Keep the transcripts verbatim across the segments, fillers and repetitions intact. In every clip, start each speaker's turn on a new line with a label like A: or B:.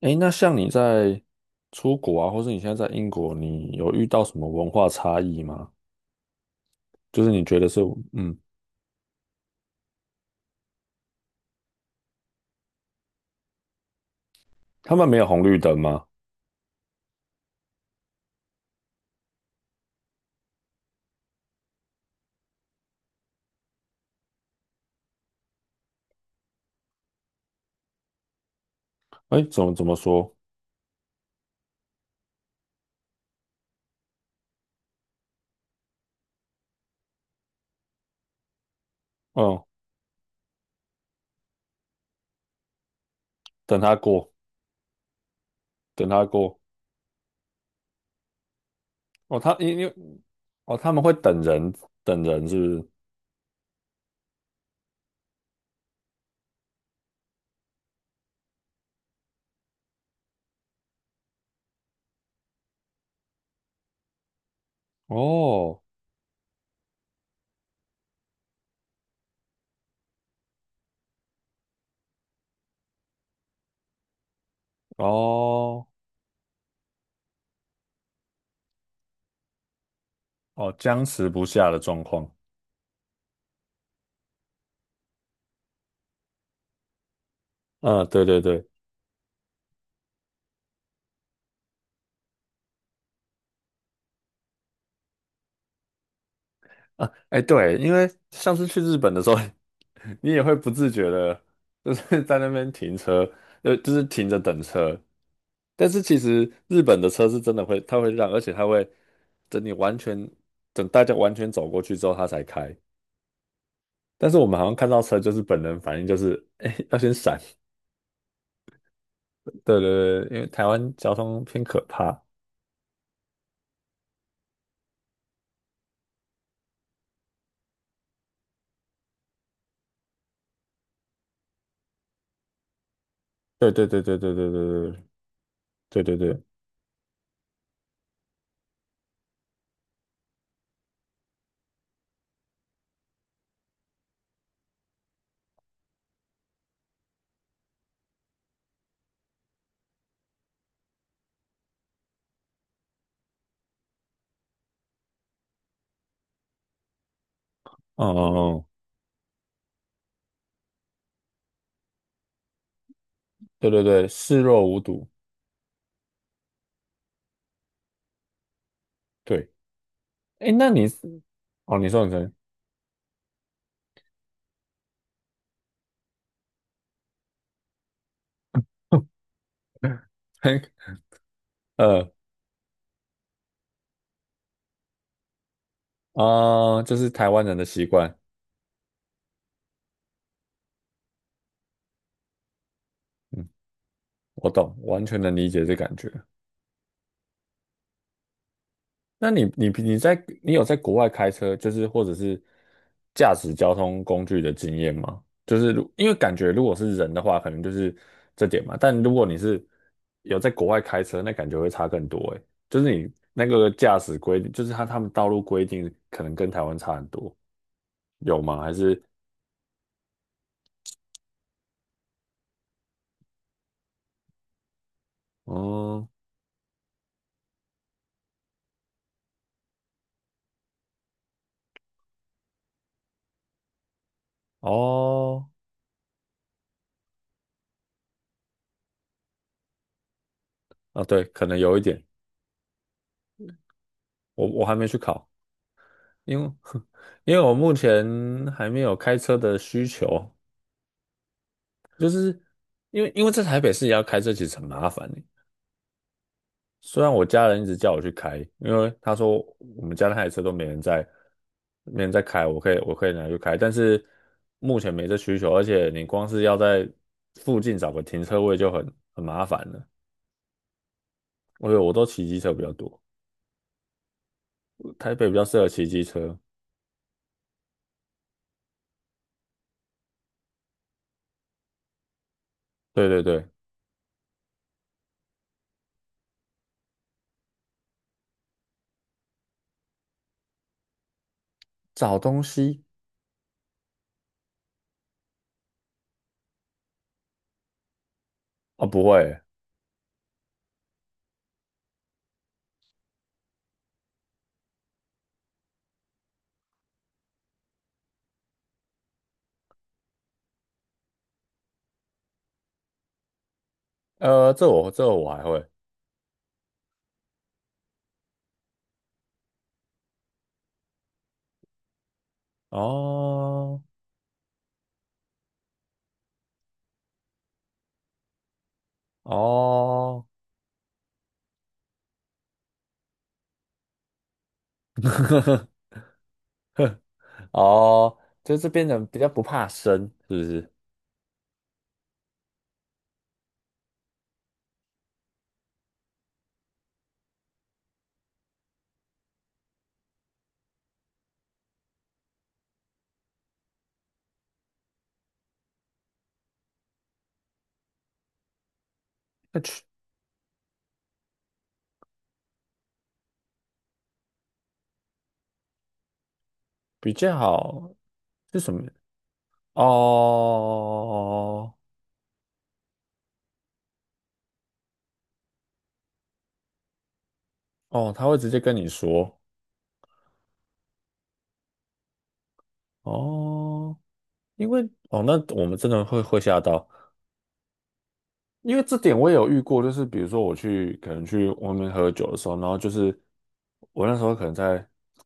A: 诶，那像你在出国啊，或是你现在在英国，你有遇到什么文化差异吗？就是你觉得是，嗯，他们没有红绿灯吗？诶，怎么怎么说？哦，等他过，等他过。哦，他因因哦，他们会等人，等人是不是？哦哦哦，僵持不下的状况。嗯，对对对。啊，哎，对，因为上次去日本的时候，你也会不自觉的，就是在那边停车，呃，就是停着等车。但是其实日本的车是真的会，它会让，而且它会等你完全，等大家完全走过去之后，它才开。但是我们好像看到车，就是本能反应就是，哎，要先闪。对对对，因为台湾交通偏可怕。对对对对对对对对对对对，嗯嗯哦，对对对，视若无睹。对。哎，那你哦，你说你说，呃啊、就是台湾人的习惯，嗯，我懂，完全能理解这感觉。那你你你在你有在国外开车，就是或者是驾驶交通工具的经验吗？就是如因为感觉如果是人的话，可能就是这点嘛。但如果你是有在国外开车，那感觉会差更多诶，就是你那个驾驶规定，就是他他们道路规定可能跟台湾差很多，有吗？还是嗯？哦哦，啊，对，可能有一点，我我还没去考，因为 因为我目前还没有开车的需求，因为因为在台北市要开车其实很麻烦欸虽然我家人一直叫我去开，因为他说我们家那台车都没人在，没人在开，我可以我可以拿去开，但是目前没这需求，而且你光是要在附近找个停车位就很很麻烦了。我为我都骑机车比较多，台北比较适合骑机车。对对对，找东西。啊，不会，呃，这我这我还会哦哦 哦，就这边人比较不怕生，是不是？那去比较好是什么？哦哦，他会直接跟你说，哦，因为哦，那我们真的会会吓到，因为这点我也有遇过，就是比如说我去可能去外面喝酒的时候，然后就是我那时候可能在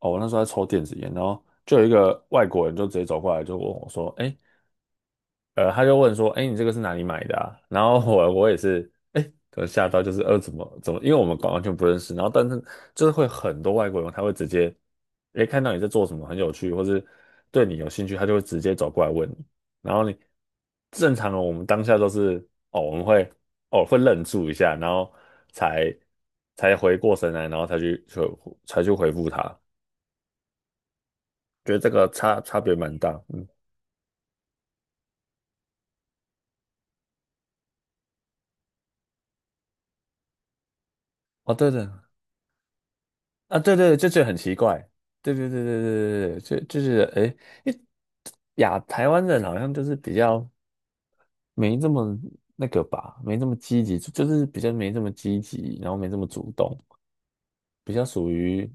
A: 哦，我那时候在抽电子烟，然后就有一个外国人就直接走过来就问我说：“哎，呃，他就问说，哎，你这个是哪里买的啊？然后我我也是，哎，我吓到，就是呃，怎么怎么，因为我们完全不认识，然后但是就是会很多外国人，他会直接，哎，看到你在做什么很有趣，或是对你有兴趣，他就会直接走过来问你，然后你正常的我们当下都是，哦，我们会哦会愣住一下，然后才才回过神来，然后才去才才去回复他，觉得这个差差别蛮大，嗯，哦，对对。啊，对对，这这很奇怪，对对对对对对对，就就是哎，诶因为亚台湾人好像就是比较没这么那个吧，没这么积极，就是比较没这么积极，然后没这么主动，比较属于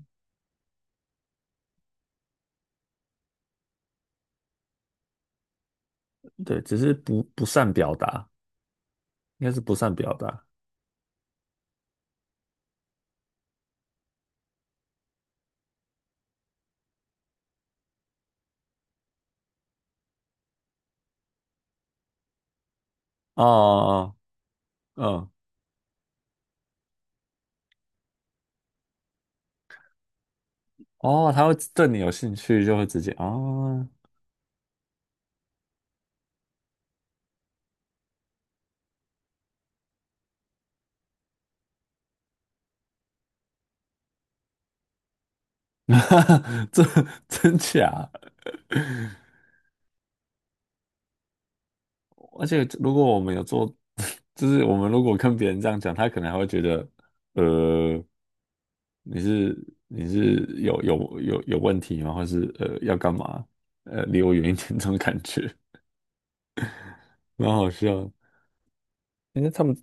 A: 对，只是不不善表达，应该是不善表达。哦哦哦，嗯，哦，他会对你有兴趣就会直接哦，这真假？而且如果我们有做，就是我们如果跟别人这样讲，他可能还会觉得，呃，你是你是有有有有问题吗？或是呃要干嘛？呃，离我远一点这种感觉，蛮好笑因为他们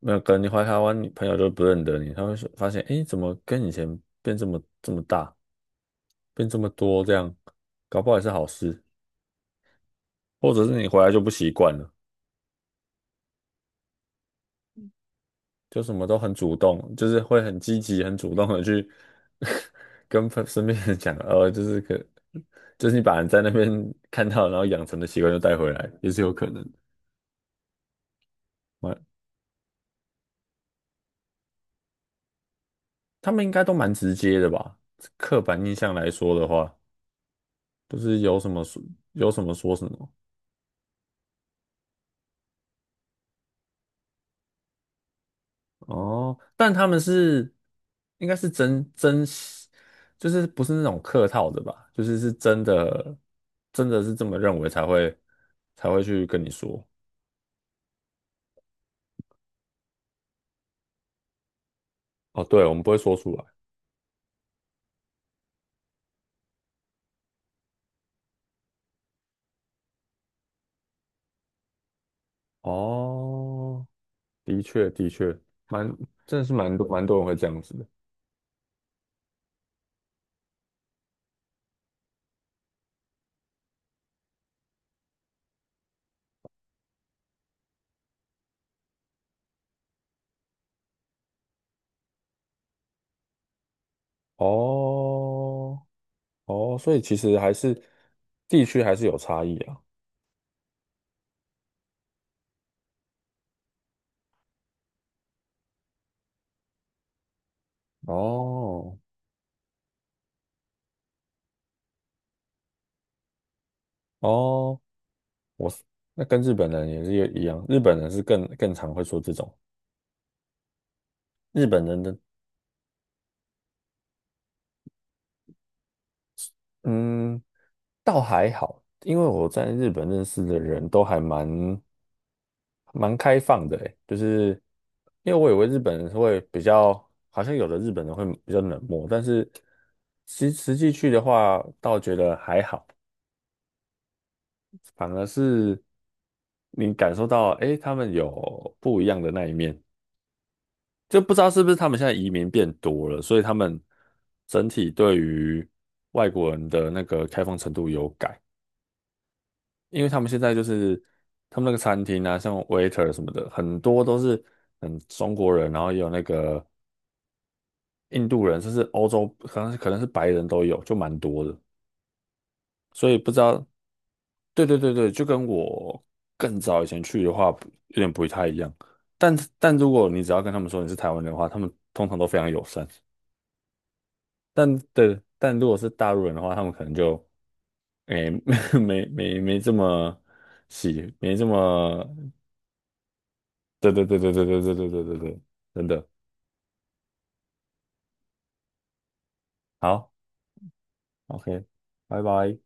A: 那个你回台湾，你朋友都不认得你，他会说发现，诶，怎么跟以前变这么这么大，变这么多这样，搞不好也是好事，或者是你回来就不习惯了。就什么都很主动，就是会很积极、很主动的去 跟朋身边人讲，呃，就是可，就是你把人在那边 看到，然后养成的习惯就带回来，也是有可能。蛮他们应该都蛮直接的吧？刻板印象来说的话，就是有什么说有什么说什么哦，但他们是应该是真真，就是不是那种客套的吧？就是是真的，真的是这么认为才会才会去跟你说。哦，对，我们不会说出来。哦，的确，的确，蛮，真的是蛮多蛮多人会这样子的。哦，哦，所以其实还是地区还是有差异啊。哦，哦，我是那跟日本人也是一样，日本人是更更常会说这种，日本人的嗯，倒还好，因为我在日本认识的人都还蛮蛮开放的，诶，就是因为我以为日本人会比较，好像有的日本人会比较冷漠，但是其实实际去的话，倒觉得还好，反而是你感受到，诶，他们有不一样的那一面，就不知道是不是他们现在移民变多了，所以他们整体对于外国人的那个开放程度有改。因为他们现在就是他们那个餐厅啊，像 waiter 什么的，很多都是嗯中国人，然后也有那个印度人，甚至欧洲，可能是可能是白人都有，就蛮多的。所以不知道，对对对对，就跟我更早以前去的话，不有点不太一样。但但如果你只要跟他们说你是台湾人的话，他们通常都非常友善。但对，但如果是大陆人的话，他们可能就诶、没没没没这么喜，没这么。对对对对对对对对对对对，真的好，OK,拜拜。